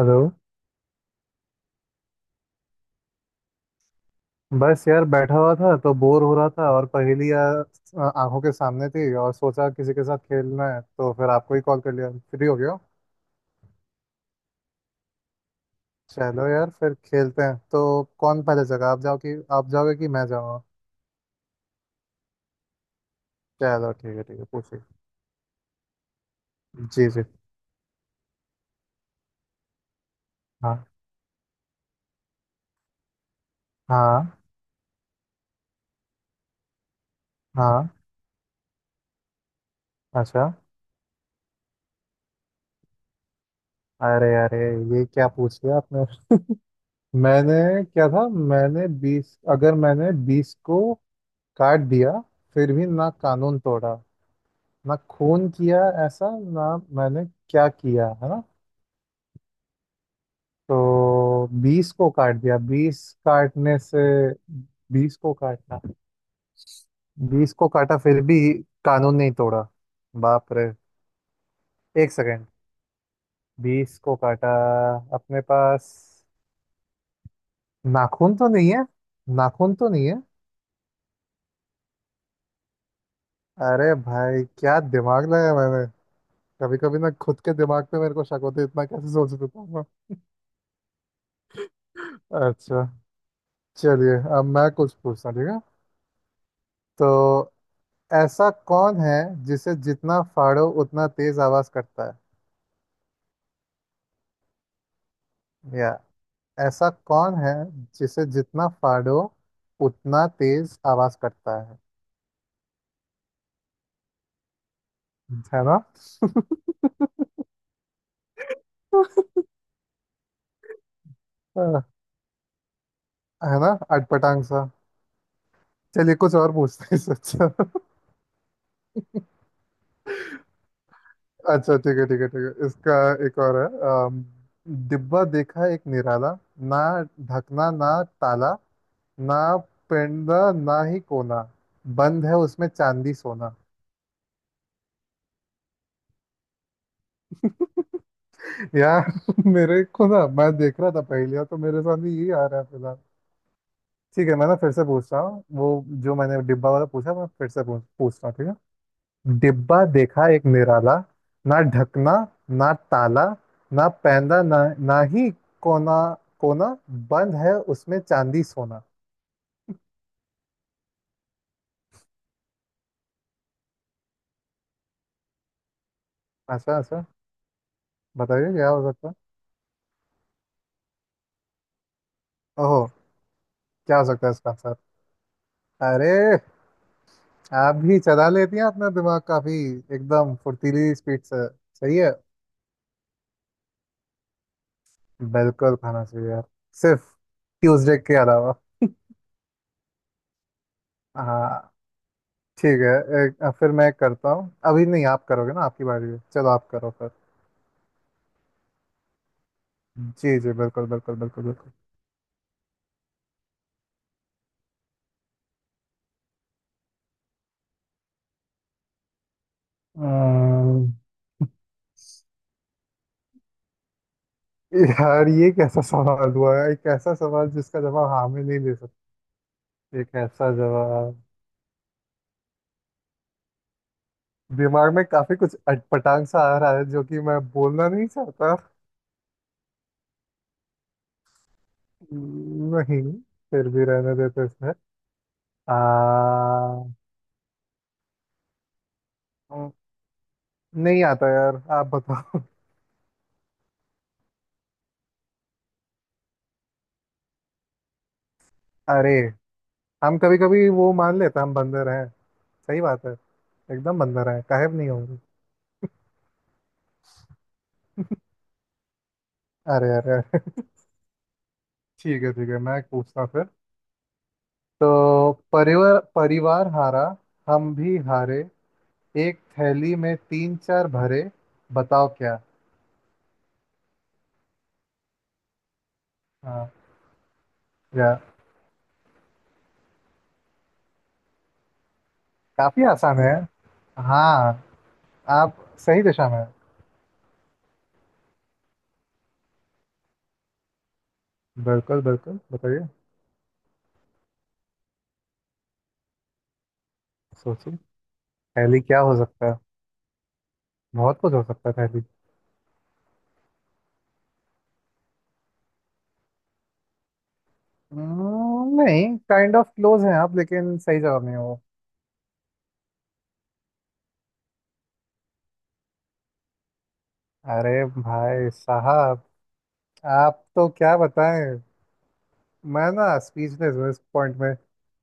Hello. बस यार बैठा हुआ था तो बोर हो रहा था और पहेलियाँ आंखों के सामने थी और सोचा किसी के साथ खेलना है तो फिर आपको ही कॉल कर लिया। फ्री हो गया हो? चलो यार, फिर खेलते हैं तो। कौन पहले जगह आप जाओ कि आप जाओगे कि मैं जाऊँगा। चलो ठीक है ठीक है, पूछिए। जी जी। हाँ हाँ हाँ। अच्छा। अरे अरे, ये क्या पूछ लिया आपने। मैंने क्या था? मैंने 20, अगर मैंने 20 को काट दिया फिर भी ना कानून तोड़ा ना खून किया, ऐसा ना मैंने क्या किया, है ना? तो 20 को काट दिया। 20 काटने से, 20 को काटना, 20 को काटा फिर भी कानून नहीं तोड़ा। बाप रे। एक सेकेंड। 20 को काटा। अपने पास नाखून तो नहीं है? नाखून तो नहीं है। अरे भाई, क्या दिमाग लगाया मैंने। कभी कभी ना खुद के दिमाग पे मेरे को शक होता है, इतना कैसे सोच देता हूँ मैं। अच्छा। चलिए अब मैं कुछ पूछता हूँ, ठीक है। तो ऐसा कौन है जिसे जितना फाड़ो उतना तेज आवाज करता है? या ऐसा कौन है जिसे जितना फाड़ो उतना तेज आवाज करता है? है ना। अ, है ना, अटपटांग सा। चलिए कुछ और पूछते हैं इससे अच्छा। अच्छा, ठीक है ठीक है ठीक है, इसका एक और है। अम, डिब्बा देखा एक निराला, ना ढकना ना ताला ना पेंडा ना ही कोना, बंद है उसमें चांदी सोना। यार। मेरे को ना, मैं देख रहा था पहेलियां तो मेरे सामने यही आ रहा है फिलहाल। ठीक है, मैं ना फिर से पूछ रहा हूँ, वो जो मैंने डिब्बा वाला पूछा, मैं फिर से पूछ पूछ रहा हूँ, ठीक है। डिब्बा देखा एक निराला, ना ढकना ना ताला ना पैंदा ना ना ही कोना कोना, बंद है उसमें चांदी सोना। अच्छा अच्छा, बताइए क्या हो सकता है। ओहो। क्या हो सकता है इसका आंसर? अरे, आप भी चला लेती हैं अपना दिमाग काफी, एकदम फुर्तीली स्पीड से। सही है। बिल्कुल खाना चाहिए यार, सिर्फ ट्यूसडे के अलावा। हाँ। ठीक है। फिर मैं करता हूँ। अभी नहीं, आप करोगे ना, आपकी बारी है, चलो आप करो फिर। जी जी, बिल्कुल बिल्कुल बिल्कुल बिल्कुल। अम्म, यार, ये कैसा सवाल हुआ है? एक ऐसा सवाल जिसका जवाब हाँ में नहीं दे सकते? एक ऐसा जवाब। दिमाग में काफी कुछ अटपटांग सा आ रहा है जो कि मैं बोलना नहीं चाहता। नहीं, फिर भी रहने देते इसमें। आ, नहीं आता यार, आप बताओ। अरे, हम कभी कभी वो मान लेते हैं हम बंदर हैं। सही बात है। एकदम बंदर हैं, काहे नहीं होंगे। अरे अरे अरे। ठीक है ठीक है, मैं पूछता हूँ फिर। तो परिवार परिवार हारा, हम भी हारे, एक थैली में तीन चार भरे, बताओ क्या। हाँ। या। काफी आसान है। हाँ, आप सही दिशा में हैं। बिल्कुल बिल्कुल, बताइए। सोचिए, थैली क्या हो सकता है। बहुत कुछ हो सकता है थैली। नहीं, काइंड ऑफ क्लोज है आप, लेकिन सही जवाब नहीं है वो। अरे भाई साहब, आप तो क्या बताएं। मैं ना स्पीचलेस हूँ इस पॉइंट में।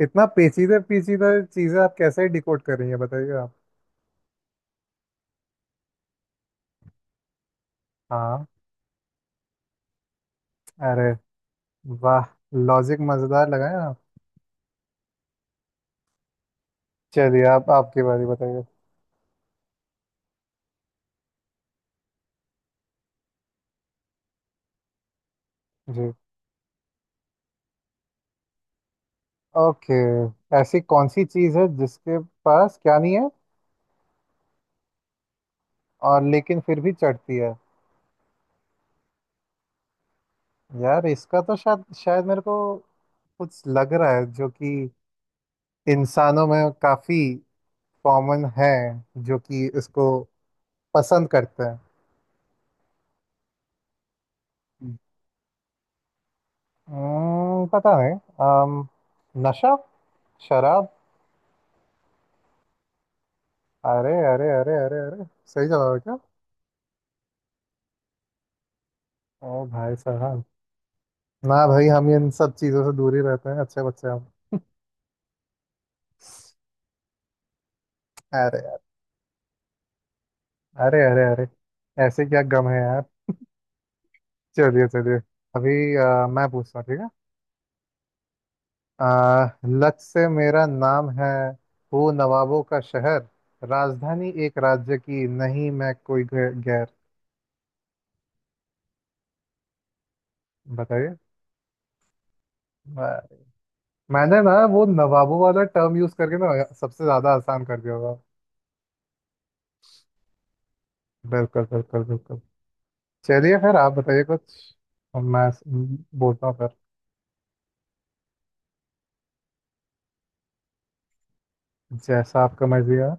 इतना पेचीदा पेचीदा चीजें आप कैसे डिकोड कर रही हैं, बताइए आप। हाँ। अरे वाह, लॉजिक मजेदार लगाए आप। चलिए, आप आपकी बारी, बताइए। जी। ओके। ऐसी कौन सी चीज है जिसके पास क्या नहीं है, और लेकिन फिर भी चढ़ती है? यार इसका तो शायद शायद मेरे को कुछ लग रहा है, जो कि इंसानों में काफी कॉमन है, जो कि इसको पसंद करते हैं। पता नहीं। अम, नशा, शराब। अरे अरे अरे अरे अरे, सही जवाब है क्या? ओ भाई साहब। ना भाई, हम इन सब चीज़ों से दूर ही रहते हैं, अच्छे बच्चे हम। अरे यार। अरे अरे अरे, ऐसे क्या गम है यार। चलिए चलिए। अभी मैं पूछता हूँ, ठीक है। लच से मेरा नाम है, हूँ नवाबों का शहर, राजधानी एक राज्य की, नहीं मैं कोई गैर। बताइए। मैं- मैंने ना वो नवाबों वाला टर्म यूज करके ना सबसे ज्यादा आसान कर दिया होगा। बिल्कुल बिल्कुल बिल्कुल। चलिए फिर आप बताइए कुछ और। मैं बोलता हूँ फिर। जैसा आपका मर्जी है।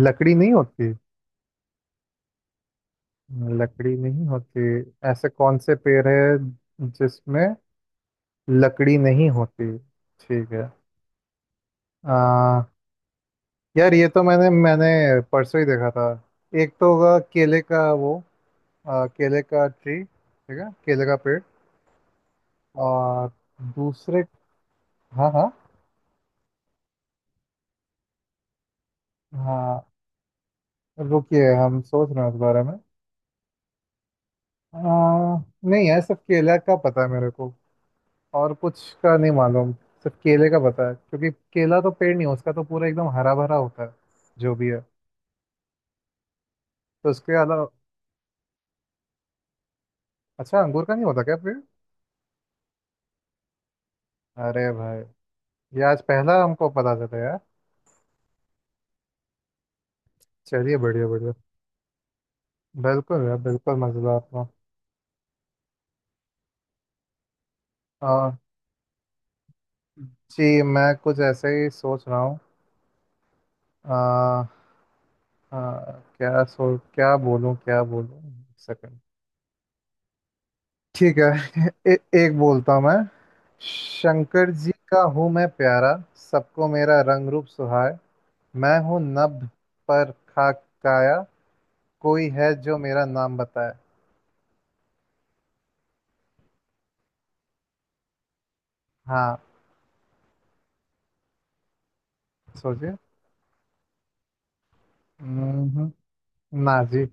लकड़ी नहीं होती? लकड़ी नहीं होती? ऐसे कौन से पेड़ है जिसमें लकड़ी नहीं होती? ठीक है। आ, यार, ये तो मैंने मैंने परसों ही देखा था। एक तो होगा केले का वो, केले का ट्री, ठीक है, केले का पेड़। और दूसरे। हाँ हाँ हाँ, रुकिए, हम सोच रहे हैं इस बारे में। आ, नहीं है, सिर्फ केला का पता है मेरे को, और कुछ का नहीं मालूम। सिर्फ केले का पता है, क्योंकि केला तो पेड़ नहीं है, उसका तो पूरा एकदम हरा भरा होता है जो भी है। तो उसके अलावा, अच्छा, अंगूर का नहीं होता क्या पेड़? अरे भाई, ये आज पहला हमको पता चला यार। चलिए बढ़िया बढ़िया, बिल्कुल यार बिल्कुल मजेदार था। आ, जी, मैं कुछ ऐसे ही सोच रहा हूँ। हाँ। क्या सो, क्या बोलूं क्या बोलूं, एक सेकंड। ठीक है। एक बोलता हूं मैं। शंकर जी का हूं मैं प्यारा, सबको मेरा रंग रूप सुहाए, मैं हूं नभ पर खाक काया, कोई है जो मेरा नाम बताए? हाँ। सोचिए। हम्म, ना जी,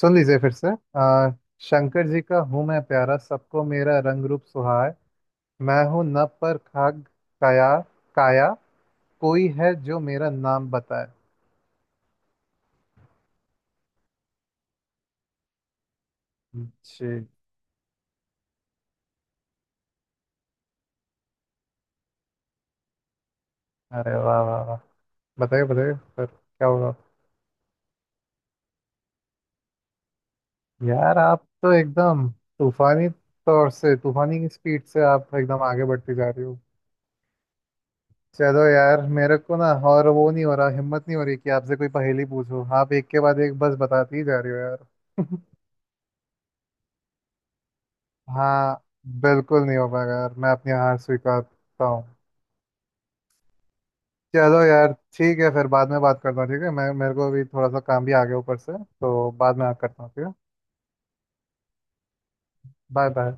सुन लीजिए फिर से। आ, शंकर जी का हूँ मैं प्यारा, सबको मेरा रंग रूप सुहाए, मैं हूँ नभ पर खाक काया काया कोई है जो मेरा नाम बताए? जी। अरे वाह वाह वाह। बताइए बताइए, फिर क्या होगा। यार आप तो एकदम तूफानी तौर से, तूफानी की स्पीड से आप एकदम आगे बढ़ती जा रही हो। चलो यार मेरे को ना, और वो नहीं हो रहा, हिम्मत नहीं हो रही कि आपसे कोई पहेली पूछो, आप एक के बाद एक बस बताती ही जा रही हो यार। हाँ, बिल्कुल नहीं हो पाएगा यार, मैं अपनी हार स्वीकारता हूँ। चलो यार ठीक है, फिर बाद में बात करता हूँ, ठीक है। मैं, मेरे को अभी थोड़ा सा काम भी आ गया ऊपर से, तो बाद में बात करता हूँ, ठीक है। Bye bye.